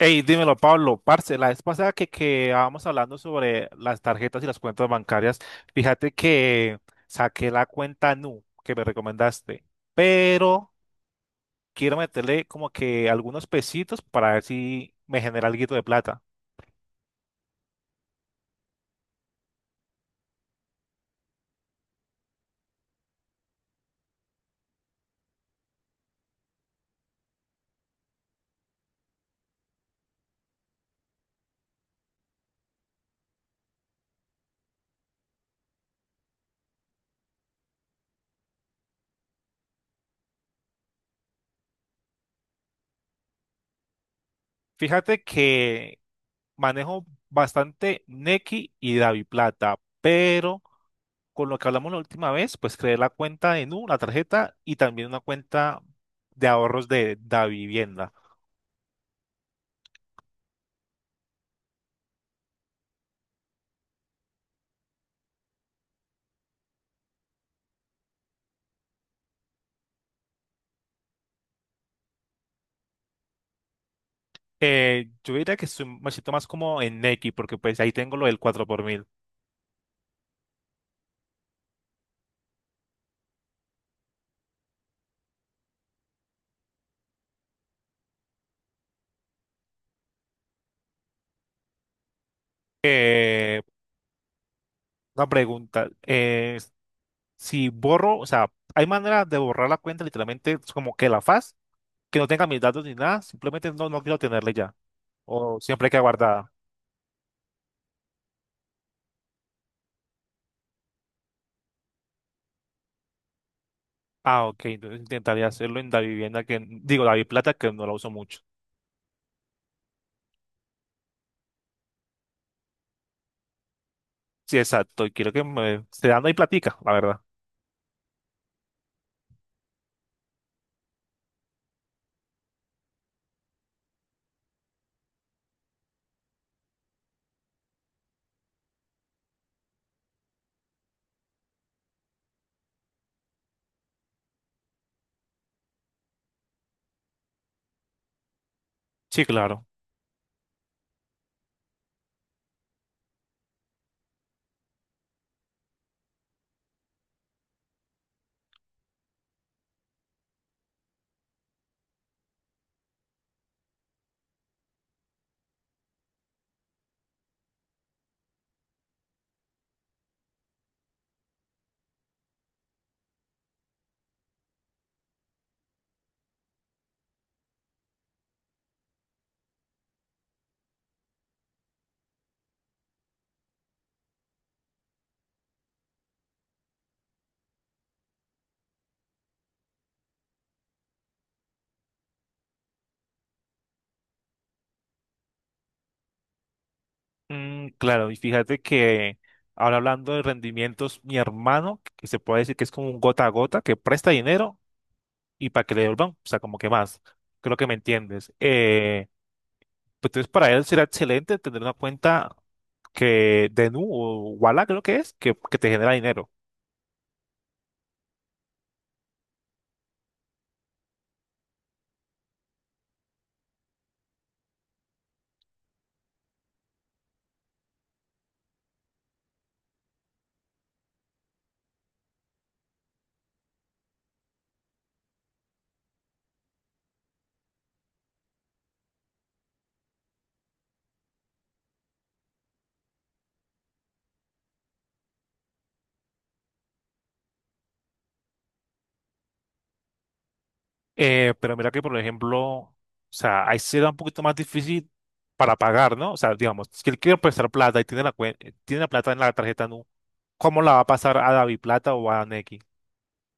Hey, dímelo, Pablo, parce, la vez pasada que quedábamos hablando sobre las tarjetas y las cuentas bancarias, fíjate que saqué la cuenta Nu que me recomendaste, pero quiero meterle como que algunos pesitos para ver si me genera algo de plata. Fíjate que manejo bastante Nequi y DaviPlata, pero con lo que hablamos la última vez, pues creé la cuenta de Nu, la tarjeta y también una cuenta de ahorros de Davivienda. Yo diría que me siento más como en Nequi porque pues ahí tengo lo del 4x1000. Eh, una pregunta, si borro, o sea, ¿hay manera de borrar la cuenta literalmente es como que la faz, que no tenga mis datos ni nada? Simplemente no quiero tenerla ya. ¿O siempre queda guardada? Ah, ok. Entonces intentaría hacerlo en la vivienda que, digo, la plata que no la uso mucho. Sí, exacto. Y quiero que me se dan ahí platica, la verdad. Sí, claro. Mm, claro. Y fíjate que ahora hablando de rendimientos, mi hermano, que se puede decir que es como un gota a gota, que presta dinero y para que le devuelvan, o sea, como que más. Creo que me entiendes. Pues entonces para él será excelente tener una cuenta que de Nu o Wala creo que es, que te genera dinero. Pero mira que, por ejemplo, o sea, ahí será un poquito más difícil para pagar, ¿no? O sea, digamos, si él quiere prestar plata y tiene tiene la plata en la tarjeta Nu, ¿cómo la va a pasar a David Plata o a Nequi?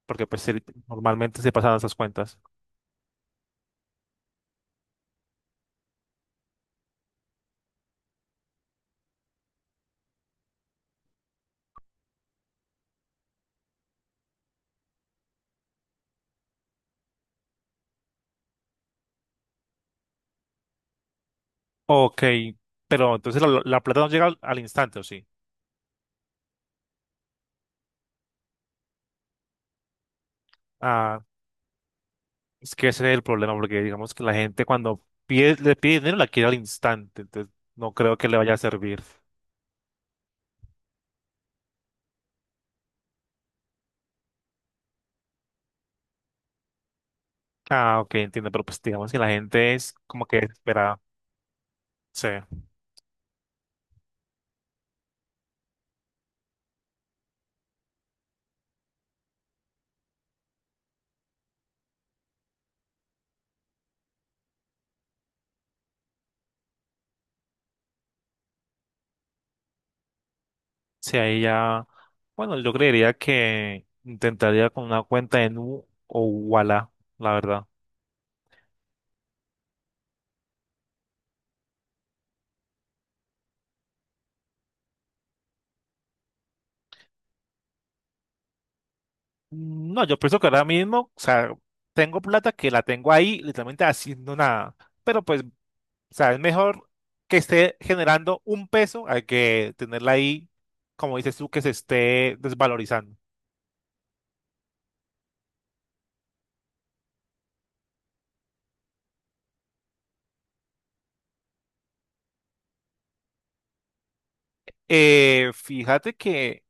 Porque pues él- normalmente se pasan esas cuentas. Ok, pero entonces la plata no llega al instante, ¿o sí? Ah, es que ese es el problema, porque digamos que la gente cuando pide, le pide dinero la quiere al instante, entonces no creo que le vaya a servir. Ah, ok, entiendo, pero pues digamos que la gente es como que espera. Sí. Sí, ahí ya, bueno, yo creería que intentaría con una cuenta en Nu o Wala, la verdad. No, yo pienso que ahora mismo, o sea, tengo plata que la tengo ahí, literalmente haciendo nada. Pero pues, o sea, es mejor que esté generando un peso a que tenerla ahí, como dices tú, que se esté desvalorizando. Fíjate que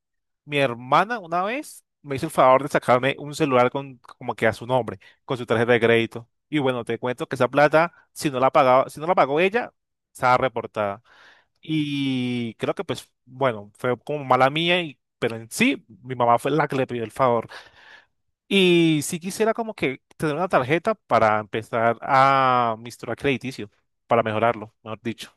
mi hermana una vez me hizo el favor de sacarme un celular con como que a su nombre, con su tarjeta de crédito. Y bueno, te cuento que esa plata, si no la pagó ella, estaba reportada. Y creo que pues, bueno, fue como mala mía, y, pero en sí, mi mamá fue la que le pidió el favor. Y si quisiera como que tener una tarjeta para empezar a mi historial crediticio, para mejorarlo, mejor dicho.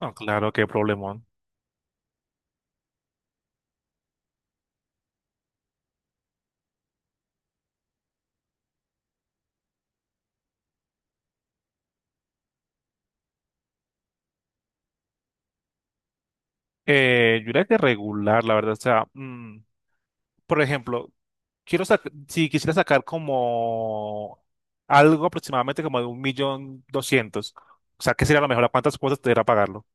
No, claro, qué problemón. Yo diría que regular, la verdad. O sea, por ejemplo, si quisiera sacar como algo aproximadamente como de 1.200.000, o sea, ¿qué sería lo mejor? ¿A cuántas cuotas te irá pagarlo?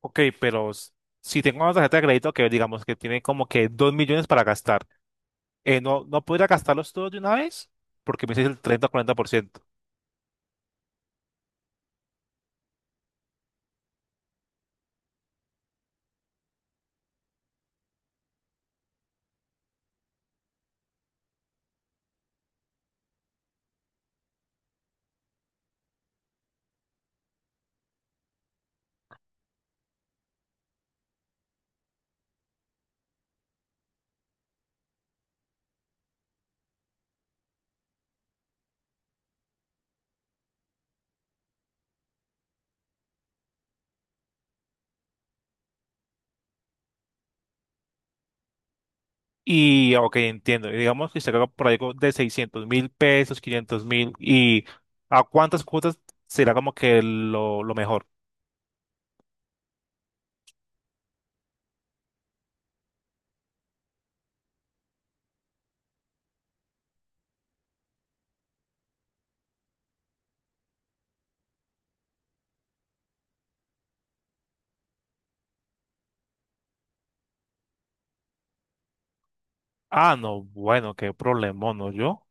Ok, si tengo una tarjeta de crédito que digamos que tiene como que 2.000.000 para gastar, ¿no podría gastarlos todos de una vez? Porque me dice el 30 o 40%. Y, ok, entiendo. Y digamos que se caga por ahí como de 600.000 pesos, 500.000. ¿Y a cuántas cuotas será como que lo mejor? Ah, no, bueno, qué problemón, ¿no? Yo.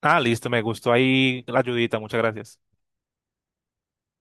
Ah, listo, me gustó ahí la ayudita, muchas gracias.